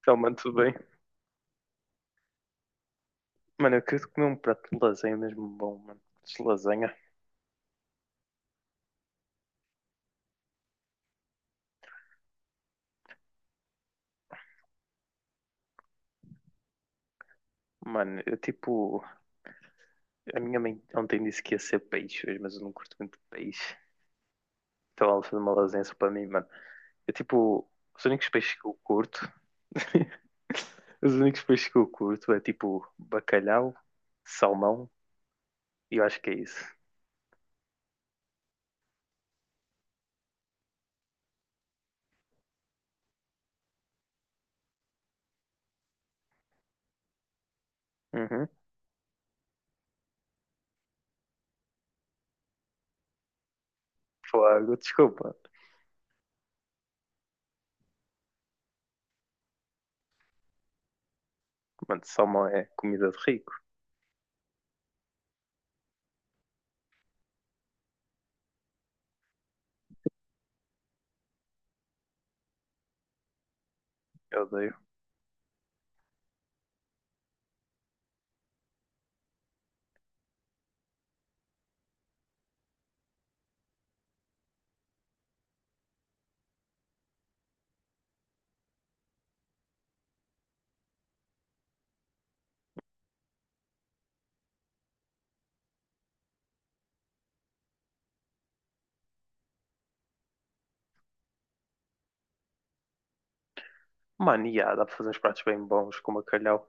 Então, mano, tudo bem? Mano, eu queria comer um prato de lasanha mesmo bom, mano. De lasanha. Mano, eu tipo. A minha mãe ontem disse que ia ser peixe hoje, mas eu não curto muito peixe. Então ela fez uma lasanha só para mim, mano. Eu tipo. Os únicos peixes que eu curto. Os únicos peixes que eu curto é tipo bacalhau, salmão e eu acho que é isso. Uhum. Fogo, desculpa. Mano, salmão é comida de rico. Eu odeio. Mano, e há, dá para fazer uns pratos bem bons com bacalhau.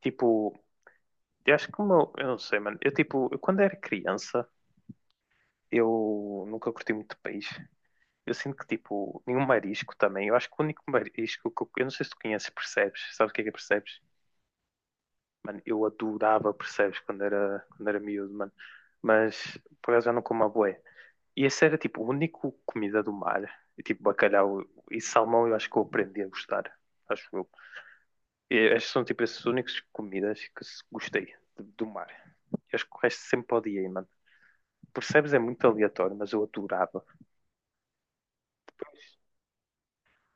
Tipo, eu acho que o meu, eu não sei, mano. Eu tipo, eu, quando era criança, eu nunca curti muito peixe. Eu sinto que tipo, nenhum marisco também. Eu acho que o único marisco que eu não sei se tu conheces, percebes? Sabes o que é percebes? Mano, eu adorava percebes quando era miúdo, mano. Mas por acaso já não como a bué. E esse era tipo, o único comida do mar. E, tipo, bacalhau e salmão, eu acho que eu aprendi a gostar. Acho eu. E estas são tipo essas únicas comidas que gostei do mar. Eu acho que o resto sempre odiei, mano. Percebes? É muito aleatório, mas eu adorava.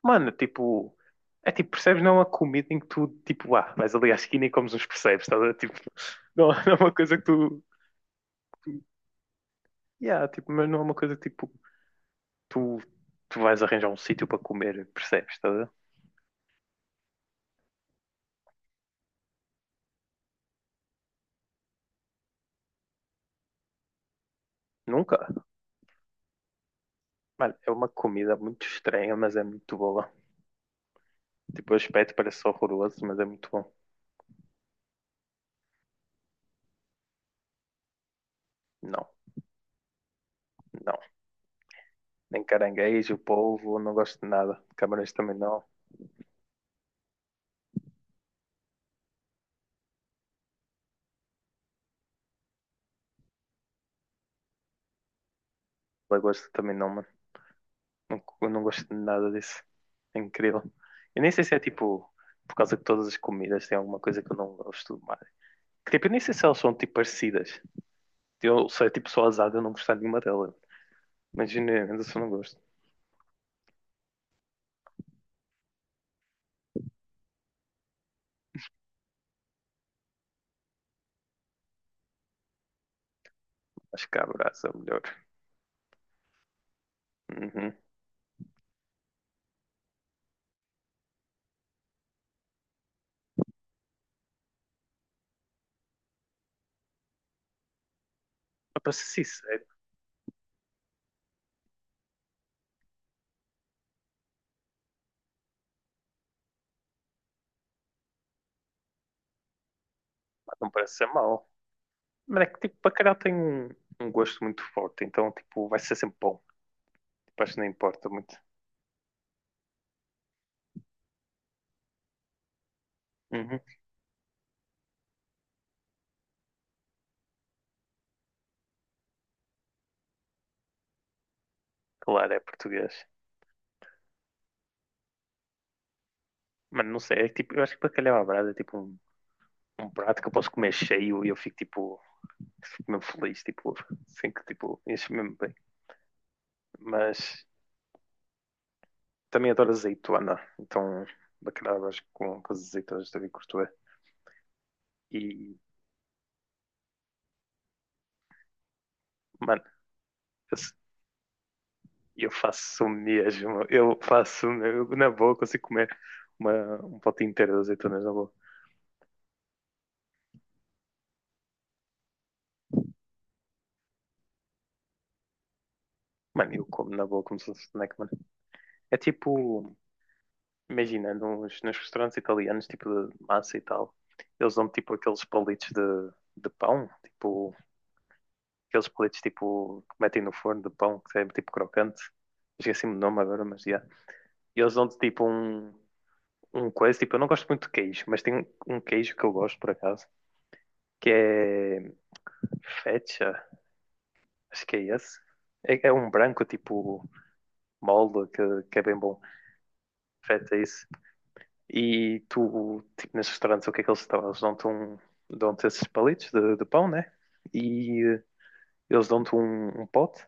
Mano, tipo, é tipo, percebes? Não é uma comida em que tu, tipo, ah, vais ali à esquina e comes uns percebes, estás a ver? Tipo, não, não é uma coisa que tu, yeah, tipo, mas não é uma coisa que, tipo, tu, tu vais arranjar um sítio para comer, percebes? Estás a ver? Nunca. Mano, é uma comida muito estranha, mas é muito boa. Tipo, o aspecto parece horroroso, mas é muito bom. Não, não. Nem caranguejo, polvo, não gosto de nada. Camarões também não. Lagosta também não, mano. Não, eu não gosto de nada disso. É incrível. Eu nem sei se é tipo por causa que todas as comidas têm alguma coisa que eu não gosto mais. Que, tipo, eu nem sei se elas são tipo parecidas. Eu sei tipo só azada, eu não gostar de nenhuma delas. Mas ainda só não gosto. Acho que a brasa é melhor. Uhum. Mas para ser sincero, não parece ser mau. Mas é que tipo, bacalhau tem um gosto muito forte, então tipo, vai ser sempre bom. Tipo, acho que não importa muito. Uhum. Claro, é português. Mas não sei, é que, tipo, eu acho que bacalhau à brasa é tipo um prato que eu posso comer cheio e eu fico mesmo feliz, tipo, assim que tipo, enche mesmo bem. Mas também adoro azeitona, então bacalhau com as azeitonas também curto bem. E, mano, eu, eu faço mesmo, na boa consigo comer um pote inteiro de azeitonas na boa. Mano, eu como na boa como se fosse snack, mano. É tipo, imagina, nos restaurantes italianos, tipo de massa e tal, eles dão tipo aqueles palitos de pão, tipo aqueles palitos tipo que metem no forno de pão, que é tipo crocante. Esqueci-me do nome agora, mas já. E eles dão-te tipo um coisa, tipo, eu não gosto muito de queijo, mas tem um queijo que eu gosto por acaso, que é feta, acho que é esse. É um branco tipo molde, que é bem bom. Feta é isso. E tu, tipo, nesses restaurantes, o que é que eles dão? Eles dão-te um, dão esses palitos de pão, né? E eles dão-te um pote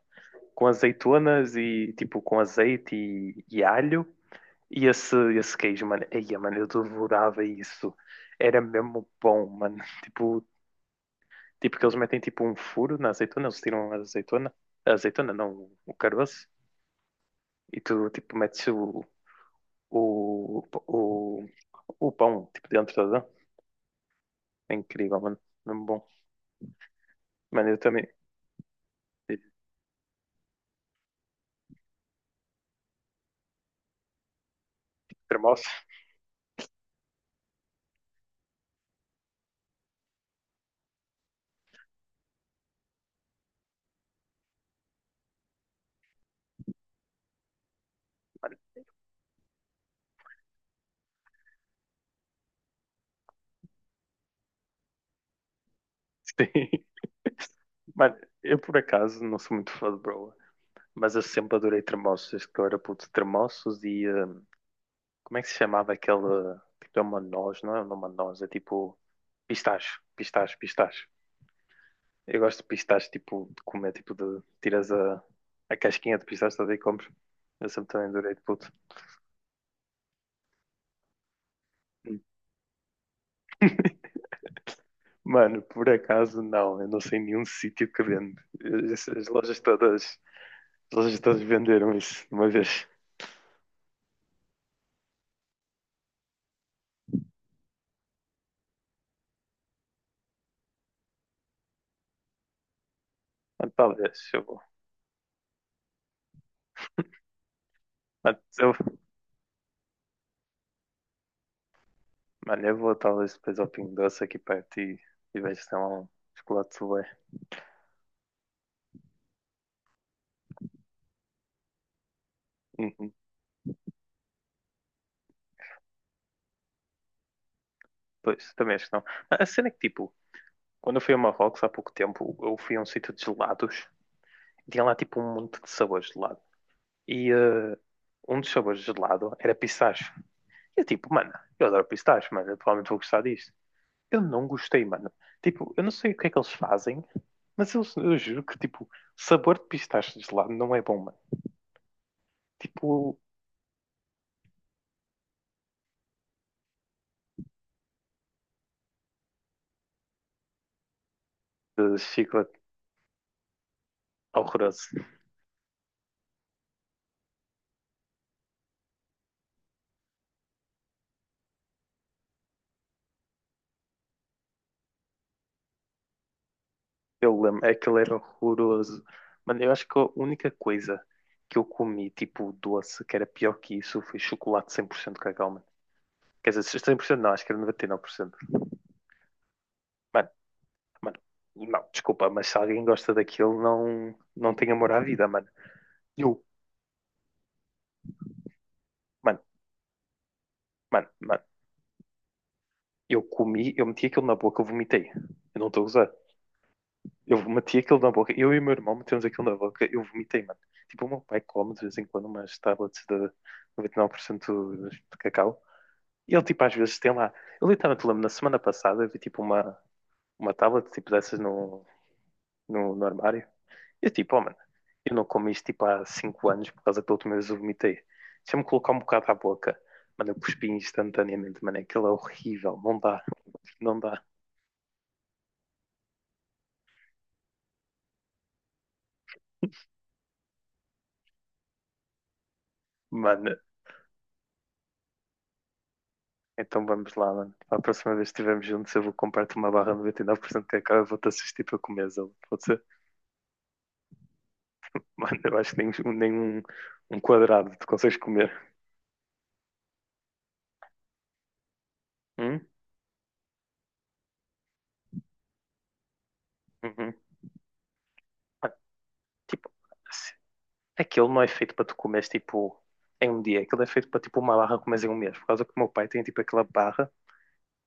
com azeitonas e tipo com azeite e alho. E esse queijo, mano, eia, mano, eu devorava isso. Era mesmo bom, mano. Tipo, que eles metem tipo um furo na azeitona, eles tiram a azeitona não, o caroço, e tu tipo metes o, o, o pão tipo dentro da dã. É incrível, mano. Mesmo bom. Mano, eu também. Tipo, cremoso, mano. Sim. Mano, eu por acaso não sou muito fã de broa. Mas eu sempre adorei tremoços, desde que eu era puto. Tremoços e. Como é que se chamava aquele. Tipo, é uma noz, não é uma noz, é tipo. Pistache, pistache, pistache. Eu gosto de pistache, tipo, de comer, tipo, de. Tiras a casquinha de pistache toda e comes. Eu sempre também adorei de puto. Mano, por acaso não, eu não sei nenhum sítio que vende. As, as lojas todas, as lojas todas venderam isso de uma vez. Mas talvez, eu vou. Mas eu Mano, eu vou talvez depois ao Pingo Doce aqui perto e vejo se tem lá um chocolate sorbet. Uhum. Pois, também acho que não. A cena é que, tipo, quando eu fui a Marrocos há pouco tempo, eu fui a um sítio de gelados. E tinha lá, tipo, um monte de sabores de gelado. E um dos sabores de gelado era pistache. E eu, tipo, mano, eu adoro pistache, mano, eu provavelmente vou gostar disto. Eu não gostei, mano. Tipo, eu não sei o que é que eles fazem, mas eu juro que, tipo, sabor de pistache de gelado não é bom, mano. Tipo, chiclete horroroso. Eu lembro, é que ele era horroroso. Mano, eu acho que a única coisa que eu comi, tipo doce, que era pior que isso, foi chocolate 100% cacau, mano. Quer dizer, 100% não, acho que era 99%. Mano, mano, não, desculpa, mas se alguém gosta daquilo, não, não tem amor à vida, mano. Eu, mano, mano, mano, eu comi, eu meti aquilo na boca, eu vomitei. Eu não estou a usar. Eu meti aquilo na boca, eu e o meu irmão metemos aquilo na boca, eu vomitei, mano. Tipo, o meu pai come de vez em quando umas tablets de 99% de cacau. E ele, tipo, às vezes tem lá. Eu literalmente lembro, na semana passada, eu vi, tipo, uma tablet, tipo, dessas no armário. E eu, tipo, oh, mano, eu não como isto, tipo, há 5 anos, por causa que da última vez eu vomitei. Deixa-me colocar um bocado à boca. Mano, eu cuspi instantaneamente, mano, aquilo é horrível. Não dá, não dá. Mano, então vamos lá, mano. Para a próxima vez que estivermos juntos, eu vou comprar-te uma barra 99% de cacau e vou-te assistir para comer. Pode ser? Mano, eu acho que nem um quadrado tu consegues comer. Hum? Uhum. Ah, tipo, aquilo não é feito para tu comeres tipo em um dia, aquilo é feito para tipo uma barra comeres em um mês, por causa que o meu pai tem tipo aquela barra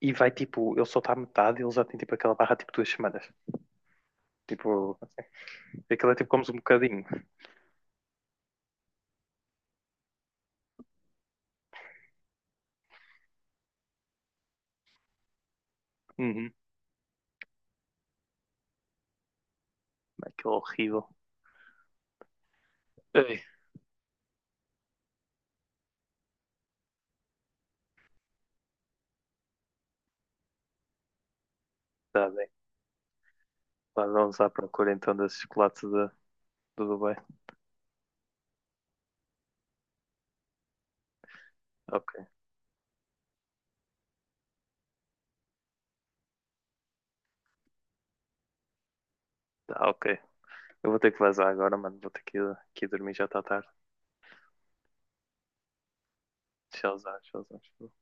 e vai tipo, ele só está à metade e ele já tem tipo aquela barra tipo 2 semanas. Tipo, assim, aquilo é tipo comes um bocadinho. Uhum. Aquilo é horrível. Ai, tá bem. Lá vamos à procura então desse chocolate do Dubai. Ok, tá ok. Eu vou ter que vazar agora, mano. Vou ter que ir, dormir, já está tarde. Tchauzão, tchauzão, tchauzão.